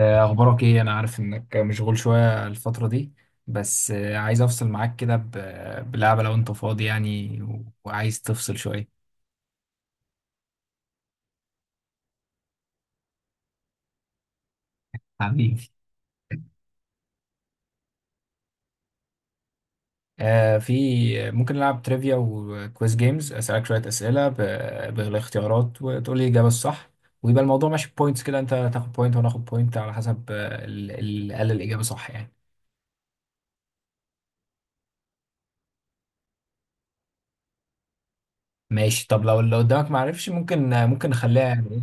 أخبارك إيه؟ أنا عارف إنك مشغول شوية الفترة دي. بس عايز أفصل معاك كده ب- بلعبة، لو أنت فاضي يعني و- وعايز تفصل شوية. حبيبي. في. ممكن نلعب تريفيا وكويز جيمز، أسألك شوية أسئلة ب- بالاختيارات وتقول لي الإجابة الصح. ويبقى الموضوع ماشي بوينتس، كده أنت تاخد بوينت وأنا آخد بوينت على حسب اللي قال الإجابة صح يعني. ماشي، طب لو اللي قدامك معرفش، ممكن نخليها يعني إيه.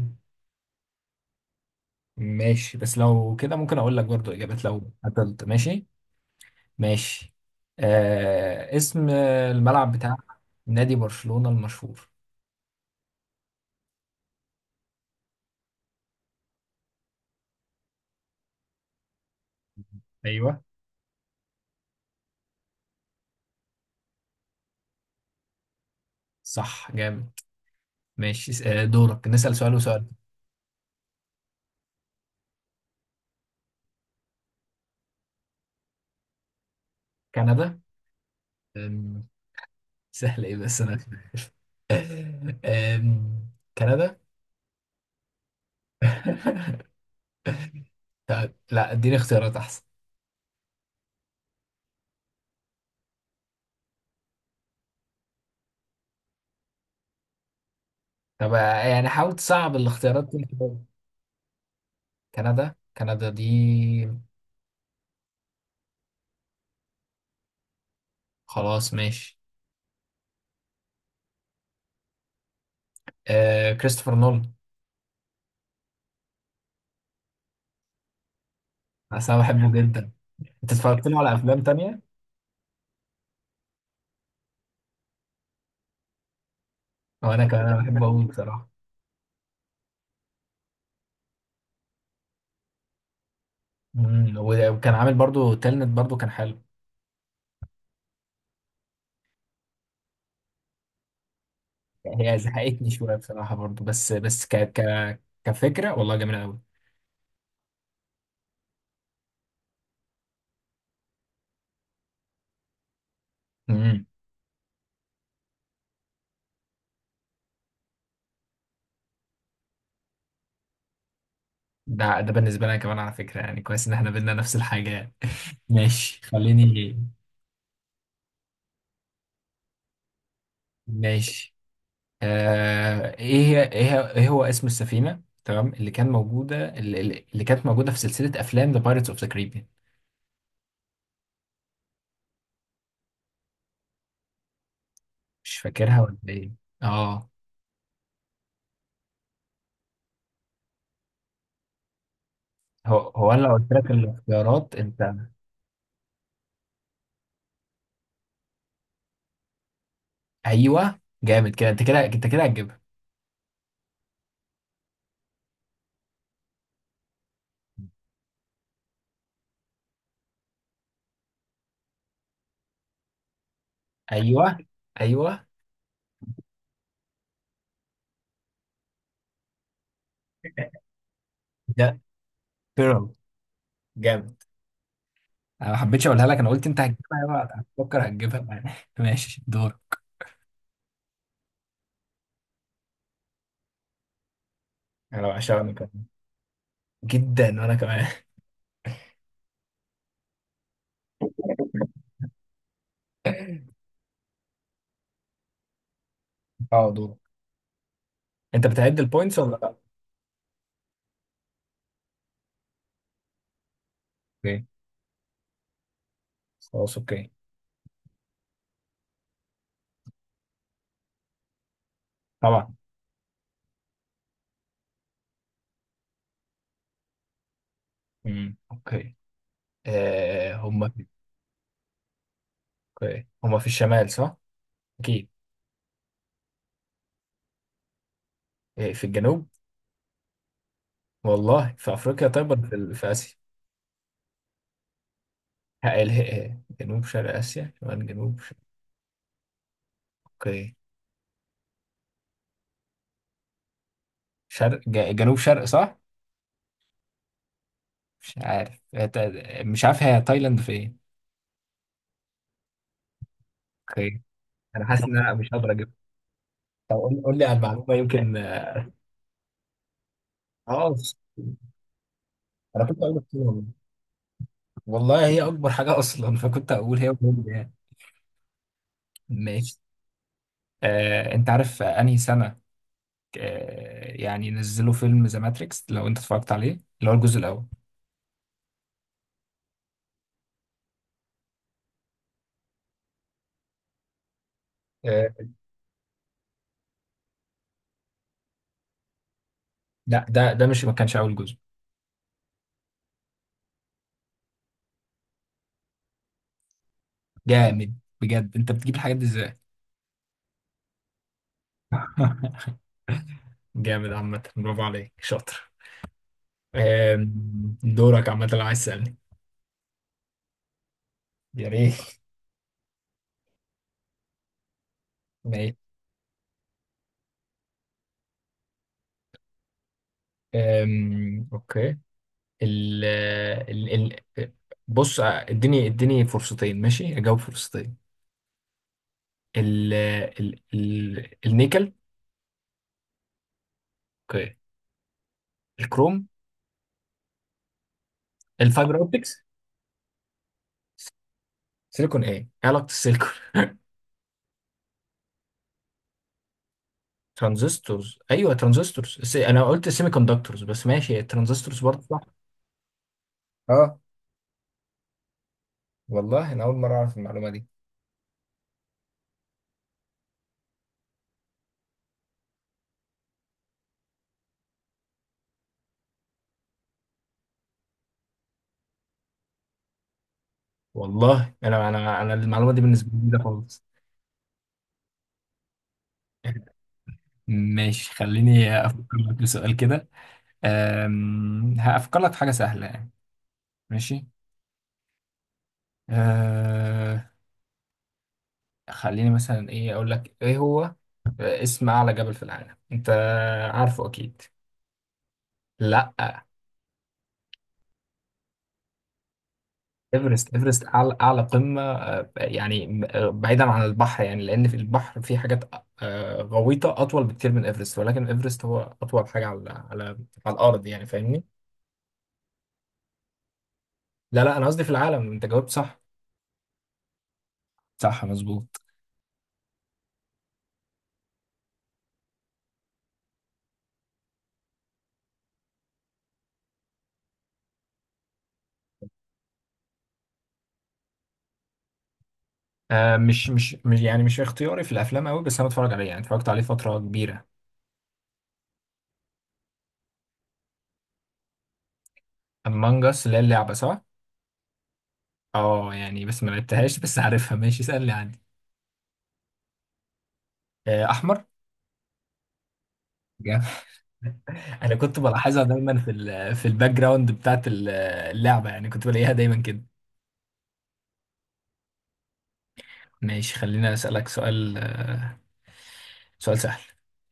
ماشي، بس لو كده ممكن أقول لك برضو إجابات لو قتلت، ماشي. ماشي. اسم الملعب بتاع نادي برشلونة المشهور؟ ايوه، صح جامد. ماشي، دورك نسأل سؤال، وسؤال. كندا؟ أم، سهل ايه، بس انا... أم، كندا. طب لا، اديني اختيارات احسن. طب يعني حاول تصعب الاختيارات دي شوية. كندا دي. خلاص ماشي. كريستوفر نولان. أصل انا بحبه جدا. انت اتفرجت له على افلام تانية؟ وانا كمان، أنا بحبه قوي بصراحة. و- وكان عامل برضو تلنت، برضو كان حلو. هي زهقتني شويه بصراحه برضو، بس ك ك كفكره والله جميله قوي. امم. ده بالنسبه لنا كمان على فكره، يعني كويس ان احنا بينا نفس الحاجه يعني. ماشي، خليني. ماشي. ايه هو اسم السفينه، تمام، اللي كان موجوده، اللي, اللي كانت موجوده في سلسله افلام ذا بايرتس اوف ذا كاريبيان؟ مش فاكرها ولا ايه؟ اه. هو انا لو قلت لك الاختيارات انت... ايوه جامد، كده انت، كده انت، كده هتجيبها. ايوه. ايوه. ده. بيرل. جامد. انا ما حبيتش اقولها لك، انا قلت انت هتجيبها بقى، هتفكر هتجيبها بقى. ماشي، دور. انا بعشقني كمان. جدا، وانا كمان. اه، دور. انت بتعد البوينتس ولا لا؟ اوكي. خلاص اوكي. طبعا. امم، اوكي. هم... اوكي، هم في الشمال، صح؟ اكيد. إيه، في الجنوب؟ والله في افريقيا، طيب، ولا في اسيا؟ جنوب شرق اسيا، شمال جنوب شرق. اوكي. جنوب شرق صح؟ مش عارف. مش عارف، هي تايلاند في ايه. اوكي. انا حاسس ان انا مش هقدر اجيب. طب قول لي على المعلومه، يمكن، اه. آه، انا كنت اقول لك كده. والله. والله هي اكبر حاجه اصلا، فكنت اقول هي هوليوود يعني. ماشي. انت عارف انهي سنه يعني نزلوا فيلم ذا ماتريكس، لو انت اتفرجت عليه، اللي هو الجزء الاول؟ آه، لا، ده مش، ما كانش اول جزء. جامد. بجد انت بتجيب الحاجات دي ازاي؟ جامد عامة، برافو عليك، شاطر. دورك عامة لو عايز تسألني. يا ريت. يا ريت. اوكي. ال ال ال بص، اديني فرصتين، ماشي اجاوب فرصتين. ال ال ال النيكل. اوكي. الكروم. الفايبر اوبتكس. سيليكون، ايه علاقة السيليكون؟ ترانزستورز، ايوه ترانزستورز، انا قلت سيمي كوندكتورز، بس ماشي الترانزستورز برضه صح. اه. والله انا اول مرة اعرف المعلومة دي. والله انا المعلومة دي بالنسبة لي جديدة خالص. ماشي، خليني افكر لك بسؤال كده. هأفكر لك في حاجة سهلة يعني. ماشي. أه. خليني مثلا، ايه اقول لك، ايه هو اسم اعلى جبل في العالم، انت عارفه اكيد. لا. ايفرست، ايفرست، اعلى اعلى قمة يعني م- أه، بعيدا عن البحر يعني، لان في البحر في حاجات غويطة اطول بكتير من ايفرست، ولكن ايفرست هو اطول حاجة على على الارض يعني، فاهمني؟ لا، لا، انا قصدي في العالم، انت جاوبت صح. صح، مظبوط. يعني مش اختياري في الافلام قوي، بس انا بتفرج عليه، يعني اتفرجت عليه فتره كبيره. امong us، اللي هي اللعبه، صح؟ اه يعني، بس ما لعبتهاش، بس عارفها. ماشي، اسالني، عندي. احمر. جامد. انا كنت بلاحظها دايما في الباك جراوند بتاعت اللعبه، يعني كنت بلاقيها دايما كده. ماشي، خلينا اسالك سؤال، سؤال سهل.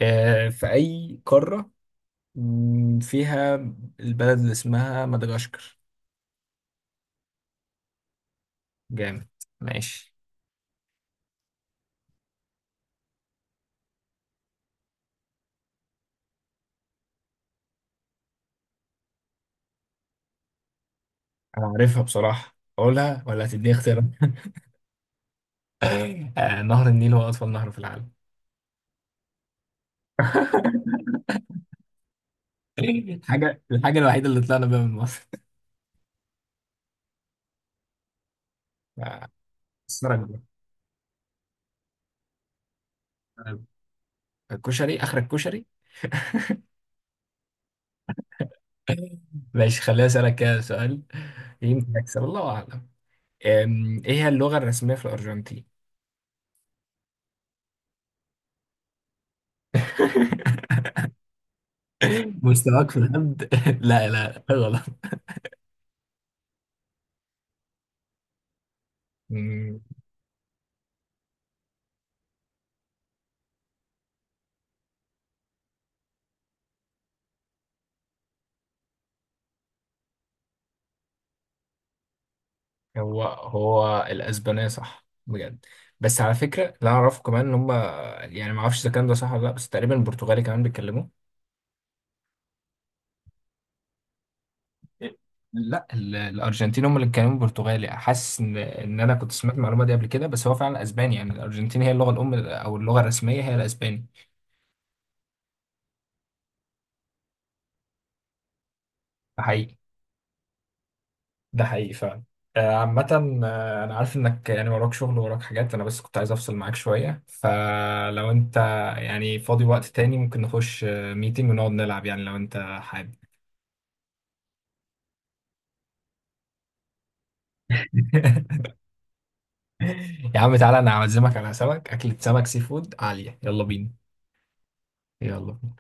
في اي قاره فيها البلد اللي اسمها مدغشقر؟ جامد. ماشي. انا عارفها بصراحه، اقولها ولا هتديني اختيارات؟ نهر النيل هو اطول نهر في العالم. الحاجة الوحيدة اللي طلعنا بيها من مصر. أثرت بقى. الكشري، آخر الكشري. ماشي، خليني أسألك كده سؤال، يمكن أكسب، الله أعلم. إيه هي اللغة الرسمية في الأرجنتين؟ مستواك في الهبد. لا، لا، غلط. أمم، هو الأسبانية، صح بجد. بس على فكرة، لا أعرفه كمان إن هم، يعني ما أعرفش إذا كان ده صح ولا لأ، بس تقريبا البرتغالي كمان بيتكلموا. لا، ال- الارجنتين هم اللي بيتكلموا برتغالي، حاسس ان انا كنت سمعت المعلومه دي قبل كده، بس هو فعلا اسباني يعني، الارجنتين هي اللغه الام او اللغه الرسميه هي الاسباني. ده حقيقي. ده حقيقي فعلا. عامة، أنا عارف إنك يعني وراك شغل، وراك حاجات، أنا بس كنت عايز أفصل معاك شوية، فلو أنت يعني فاضي وقت تاني، ممكن نخش ميتنج ونقعد نلعب يعني، لو أنت حابب. يا عم تعالى، أنا أعزمك على سمك، أكلة سمك سي فود عالية، يلا بينا. يلا.